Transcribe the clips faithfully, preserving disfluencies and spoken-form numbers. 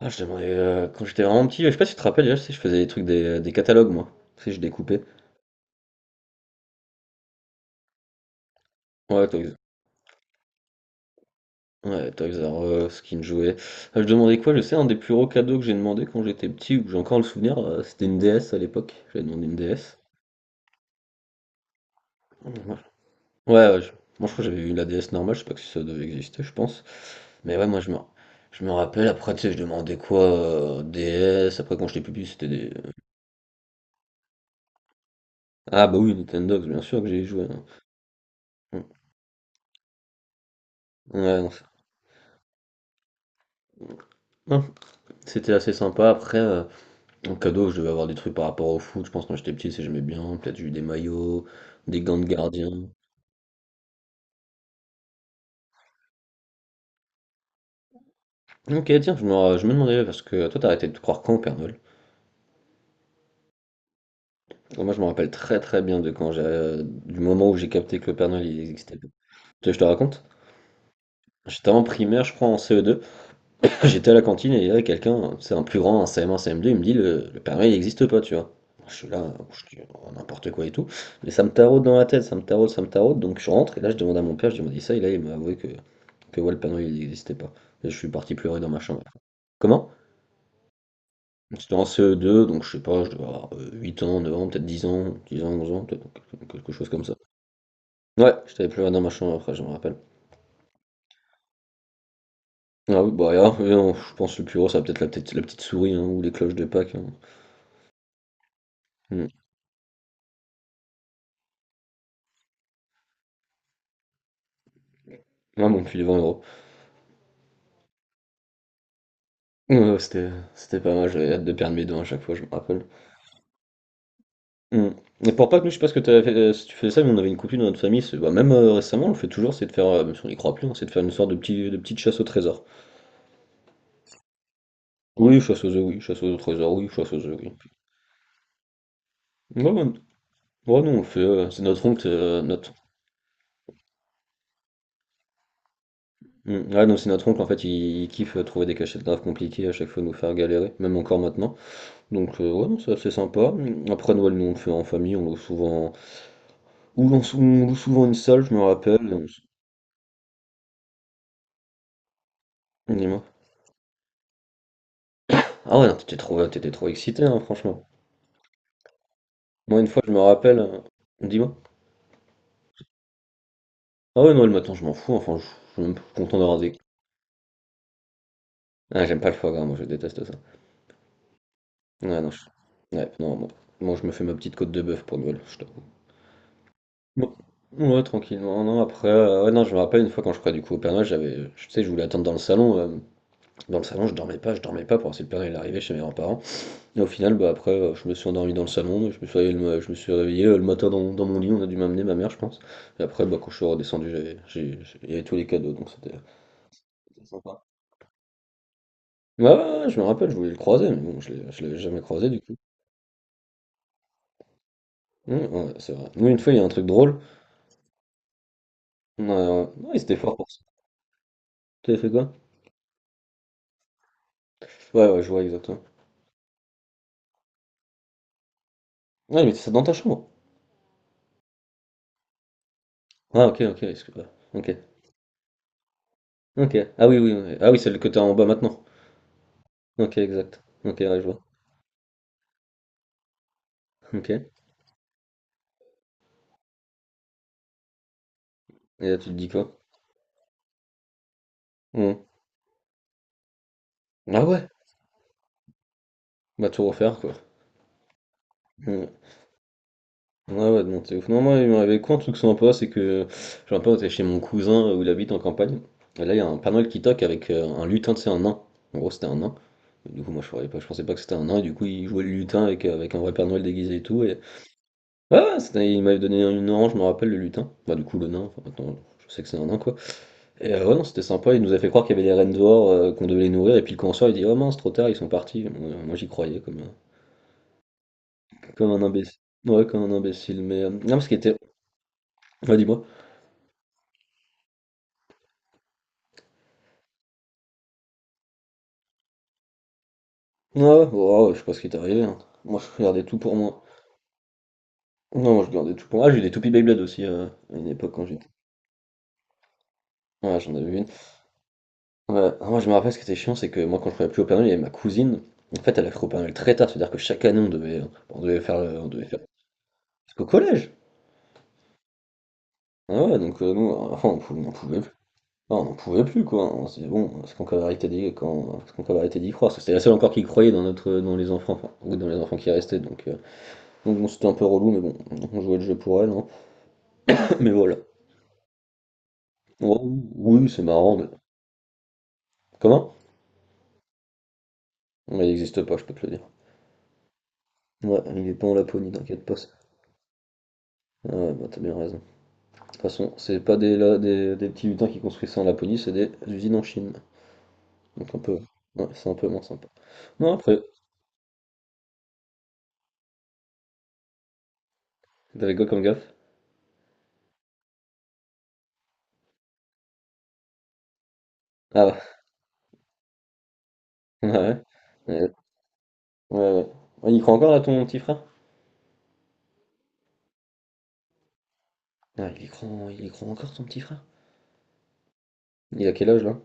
Ah, je demandais, heu, quand j'étais vraiment petit, je sais pas si tu te rappelles, déjà, tu sais, je faisais des trucs, des des catalogues, moi. Tu sais, je découpais. Ouais, Toys ouais, Toys R Us, Skin Jouet. Ah, je demandais quoi? Je sais, un des plus gros cadeaux que j'ai demandé quand j'étais petit, où j'ai encore le souvenir, heu, c'était une D S à l'époque. J'avais demandé une D S. Mmh, ouais, ouais, je moi, je crois que j'avais eu la D S normale, je sais pas si ça devait exister, je pense. Mais ouais, moi, je me je me rappelle, après, tu sais, je demandais quoi? Heu, D S, après, quand j'étais plus petit, c'était des ah bah oui, Nintendo bien sûr que j'ai joué, hein. Mmh. Ouais, non, c'est non, c'était assez sympa. Après, heu, en cadeau, je devais avoir des trucs par rapport au foot. Je pense que quand j'étais petit, c'est j'aimais bien. Peut-être j'ai eu des maillots, des gants de gardien. Ok, tiens, je me, je me demandais, parce que toi, t'as arrêté de croire quand au Père Noël? Moi, je me rappelle très très bien de quand j'ai, euh, du moment où j'ai capté que le Père Noël, il existait pas. Tu veux que je te raconte? J'étais en primaire, je crois, en C E deux. J'étais à la cantine et il y avait quelqu'un, c'est un plus grand, un C M un, C M deux, il me dit, le, le Père Noël, il n'existe pas, tu vois. Je suis là, je dis oh, n'importe quoi et tout. Mais ça me taraude dans la tête, ça me taraude, ça me taraude. Donc je rentre et là je demande à mon père, je lui demande ça et là il m'a avoué que... Que ouais, le panneau il n'existait pas. Et je suis parti pleurer dans ma chambre. Comment? C'était en C E deux, donc je sais pas, je devais avoir, heu, huit ans, neuf ans, peut-être dix ans, dix ans, onze ans, peut-être quelque quelque chose comme ça. Ouais, j'étais allé pleurer dans ma chambre après, je me rappelle. Ah oui, bah, alors, oui, non, je pense le plus gros, ça va peut-être la petite la petite souris, hein, ou les cloches de Pâques, hein. Mmh. Ah mon pull vent. Ouais, ouais, c'était c'était pas mal, j'avais hâte de perdre mes dents à chaque fois, je me rappelle. Mmh. Et pour Pâques, nous, je sais pas ce que tu avais fait, heu, si tu faisais ça, mais on avait une coutume dans notre famille, c'est bah, même, heu, récemment, on le fait toujours, c'est de faire, heu, même si on y croit plus, hein, c'est de faire une sorte de petit de petite chasse au trésor. Oui, chasse aux œufs, oui, chasse aux trésors, oui, chasse aux œufs, oui. Non, non, non, non, on fait, euh, c'est notre oncle, euh, notre... Hmm. Ah non, c'est notre oncle, en fait, il, il kiffe euh, trouver des cachettes graves compliquées, à chaque fois nous faire galérer, même encore maintenant. Donc, euh, ouais, non, c'est assez sympa. Hmm. Après Noël, nous, on le fait en famille, on loue souvent... Ou on, sou- on loue souvent une salle, je me rappelle. on s- Dis-moi. Ah ouais, non, t'étais trop, t'étais trop excité, hein, franchement. Moi, une fois, je me rappelle... euh, Dis-moi. Ah ouais, Noël, maintenant, je m'en fous, enfin, je je suis même content d'avoir des... Ah, j'aime pas le foie gras, moi, je déteste ça. Ouais, non, je... ouais, non, bon. Moi, je me fais ma petite côte de bœuf pour Noël, je t'avoue. Bon. Ouais, tranquillement. Non, après, euh, ouais, non, je me rappelle une fois quand je crois du coup au Père Noël, j'avais, je sais, je voulais attendre dans le salon. Euh, dans le salon, je dormais pas, je dormais pas pour voir si le Père Noël arrivait chez mes grands-parents. Et au final, bah après, euh, je me suis endormi dans le salon, je me suis réveillé, le, je me suis réveillé euh, le matin dans, dans mon lit, on a dû m'amener ma mère, je pense. Et après, bah quand je suis redescendu, j'avais, j'ai, j'ai- il y avait tous les cadeaux, donc c'était c'était sympa. Ouais, ouais, ouais, je me rappelle, je voulais le croiser, mais bon, je l'ai, je l'avais jamais croisé du coup. Hum, ouais, c'est vrai. Nous, une fois, il y a un truc drôle. Ouais, ouais. Non, ils étaient forts pour ça. T'avais fait quoi? Ouais, ouais, je vois exactement. Ouais, mais ça dans ta chambre. Ah, ok, ok, excuse- ouais, ok, ok. Ah oui, oui, oui. Ah oui, celle que t'as en bas maintenant. Ok, exact. Ok, ouais, je vois. Ok. Et là, tu te dis quoi? Hmm. Ah ouais, bah tout refaire, quoi. Hmm. Ouais, ouais, non, c'est ouf. Non, moi, il m'arrivait quoi un truc sympa, c'est que j'ai un pote, c'est chez mon cousin euh, où il habite en campagne. Et là, il y a un Père Noël qui toque avec euh, un lutin, tu sais, un nain. En gros, c'était un nain. Et du coup, moi, je savais pas, je pensais pas que c'était un nain, et du coup, il jouait le lutin avec, euh, avec un vrai Père Noël déguisé et tout. Et... Ah, ouais, c'était il m'avait donné une orange, je me rappelle, le lutin. Bah, du coup, le nain, enfin maintenant, je sais que c'est un nain, quoi. Et euh, ouais, non, c'était sympa, il nous a fait croire qu'il y avait des rennes dehors, euh, qu'on devait les nourrir, et puis le on il dit, oh mince, trop tard, ils sont partis. Moi, euh, moi, j'y croyais, comme, euh, comme un imbécile. Ouais, comme un imbécile, mais... euh, Non, ce qui était... Ouais, dis-moi. Ouais, ouais, ouais, ouais, je sais pas ce qui est arrivé, hein. Moi, je gardais tout pour moi. Non, moi, je gardais tout pour moi. Ah, j'ai eu des toupies Beyblade aussi, euh, à une époque, quand j'étais... Ouais, j'en avais une. Ouais. Ah, moi, je me rappelle ce qui était chiant, c'est que moi, quand je travaillais plus au Père Noël, il y avait ma cousine. En fait, elle a cru au Père Noël très tard, c'est-à-dire que chaque année, on devait, on devait faire le- on devait faire jusqu'au collège. Ah ouais, donc euh, nous, enfin, on pouvait, on en pouvait plus. Ah, on n'en pouvait plus, quoi. On s'est dit, bon, est-ce qu'on peut arrêter d'y, quand, est-ce qu'on peut arrêter d'y croire? Parce que c'était la seule encore qui croyait dans notre, dans les enfants, enfin, ou dans les enfants qui restaient, donc, euh, donc bon, c'était un peu relou, mais bon, on jouait le jeu pour elle, hein. Mais voilà. Oh, oui, c'est marrant, mais comment? Mais il n'existe pas, je peux te le dire. Ouais, il est pas en Laponie, t'inquiète pas. Ah ouais, bah, t'as bien raison. Toute façon, c'est pas des, la- des, des petits lutins qui construisent ça en Laponie, c'est des usines en Chine. Donc un peu, ouais, c'est un peu moins sympa. Non, après, t'avais quoi comme gaffe? Ah ouais, ouais, ouais, ouais, ouais. Ouais, il y croit encore là ton petit frère? Ah, il y croit, il y croit encore ton petit frère? Il a quel âge là?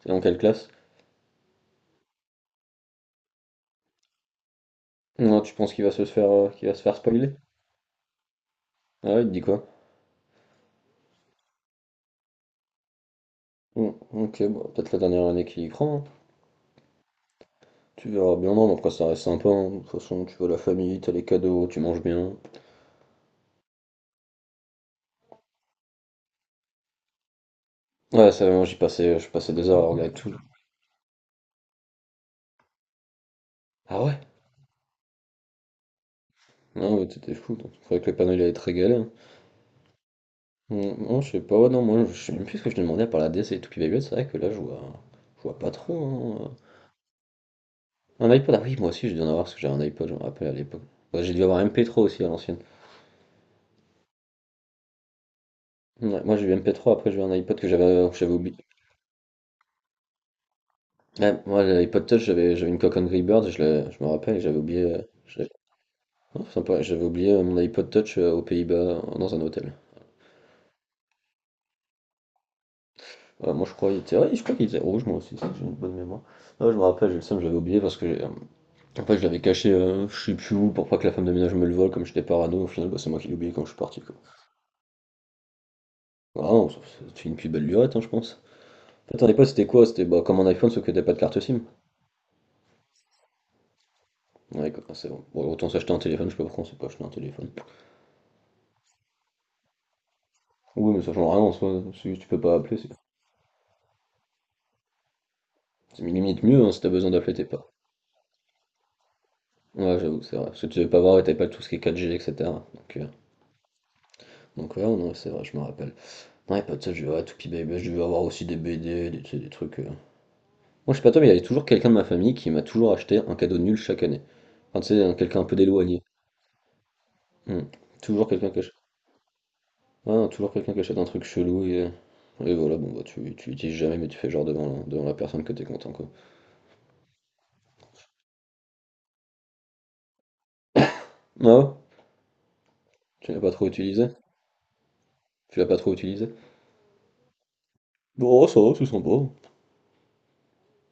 C'est dans quelle classe? Non, tu penses qu'il va se faire, euh, qu'il va se faire spoiler? Ah ouais, il te dit quoi? Bon, ok, bon, peut-être la dernière année qu'il y croit, hein. Tu verras bien, non, mais après ça reste sympa, hein. De toute façon, tu vois la famille, t'as les cadeaux, tu manges bien. Ouais, ça, moi j'y passais, je passais des heures à regarder tout. Ah ouais? Non, ouais, t'étais fou, donc faudrait que le panneau il allait te régaler, hein. Hum, non, je sais pas, ouais, non, moi je sais même plus ce que je demandais à part la D C et tout qui va bien, c'est vrai que là je vois, je vois pas trop, hein. Un iPod, ah oui, moi aussi je dû en avoir parce que j'avais un iPod, je me rappelle à l'époque. Ouais, j'ai dû avoir un M P trois aussi à l'ancienne. Ouais, moi j'ai eu M P trois, après j'ai eu un iPod que j'avais que j'avais oublié. Ouais, moi l'iPod Touch, j'avais j'avais une Coke Angry Birds, je, l'ai- je me rappelle, et j'avais oublié. Euh, j'avais- oh, sympa, j'avais oublié euh, mon iPod Touch euh, aux Pays-Bas euh, dans un hôtel. Voilà, moi je crois qu'il était, ouais, je crois qu'il était rouge moi aussi, c'est que j'ai une bonne mémoire. Ouais, je me rappelle, j'ai le seum, j'avais oublié parce que j'ai- En fait, je l'avais caché, euh, je sais plus où, pour pas que la femme de ménage me le vole, comme j'étais parano, au final, bah, c'est moi qui l'ai oublié quand je suis parti, quoi. Ah non, c'était une plus belle lurette, hein, je pense. En fait, à l'époque, c'était quoi? C'était bah, comme un iPhone, sauf que t'as pas de carte SIM. Ouais, quoi, c'est bon. Bon, autant s'acheter un téléphone, je sais pas pourquoi on s'est pas acheté un téléphone. Oui, mais ça change rien en soi, si tu peux pas appeler, c'est c'est limite mieux, hein, si t'as besoin d'appeler, t'es pas. Ouais, j'avoue, c'est vrai. Parce que tu devais pas voir, et t'avais pas tout ce qui est quatre G, et cetera. Donc, euh, donc ouais, non, c'est vrai, je me rappelle. Ouais, pas de ça, je devais, ouais, Toupie Baby, je devais avoir aussi des B D, des, tu sais, des trucs. euh, Moi, je sais pas toi, mais il y avait toujours quelqu'un de ma famille qui m'a toujours acheté un cadeau nul chaque année. Enfin, tu sais, un- quelqu'un un peu d'éloigné. Hmm. Toujours quelqu'un qui achète... ouais, toujours quelqu'un qui achète un truc chelou et... Et voilà, bon, bah, tu, tu l'utilises jamais, mais tu fais genre devant, la- devant la personne que t'es content, quoi. Ah ouais? Tu l'as pas trop utilisé? Tu l'as pas trop utilisé? Bon, ça va, c'est sympa.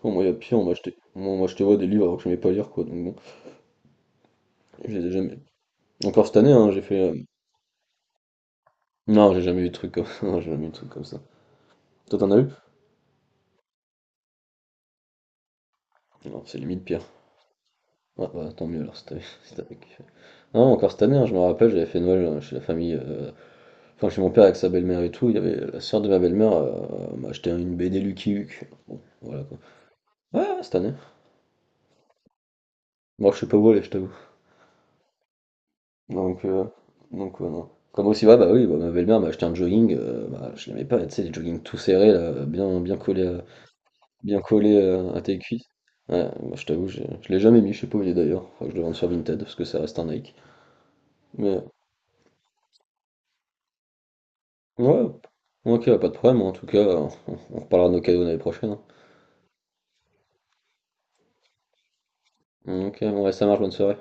Bon, moi, il y a pire, on m'a acheté... Moi, moi, je te vois des livres alors que je n'aimais pas lire, quoi, donc bon, je les ai jamais... Encore cette année, hein, j'ai fait... euh, Non, j'ai jamais eu de truc comme... non, j'ai jamais eu de truc comme ça. Toi, t'en as eu? Non, c'est limite pire. Ah bah, tant mieux alors, si t'avais... si t'avais- Non, encore cette année, hein, je me rappelle, j'avais fait Noël euh, chez la famille, euh, enfin chez mon père avec sa belle-mère et tout. Il y avait la sœur de ma belle-mère euh, m'a acheté une B D Lucky Luke. Bon, voilà quoi. Ouais, ouais, cette année. Moi, je sais pas où aller, je t'avoue. Donc, euh, donc ouais, non. Comme aussi, ouais, bah oui, bah, ma belle-mère m'a acheté un jogging. Euh, bah, je l'aimais pas, tu sais, les joggings tout serrés, là, bien, bien collés, à- bien collés euh, à tes cuisses. Ouais, moi, je t'avoue, j'ai- je l'ai jamais mis, je sais pas où il est d'ailleurs. Faudrait que je le vende sur Vinted parce que ça reste un Nike. Mais ouais, ok, pas de problème. En tout cas, on, on reparlera de nos cadeaux l'année prochaine, hein. Ok, ouais, ça marche, bonne soirée.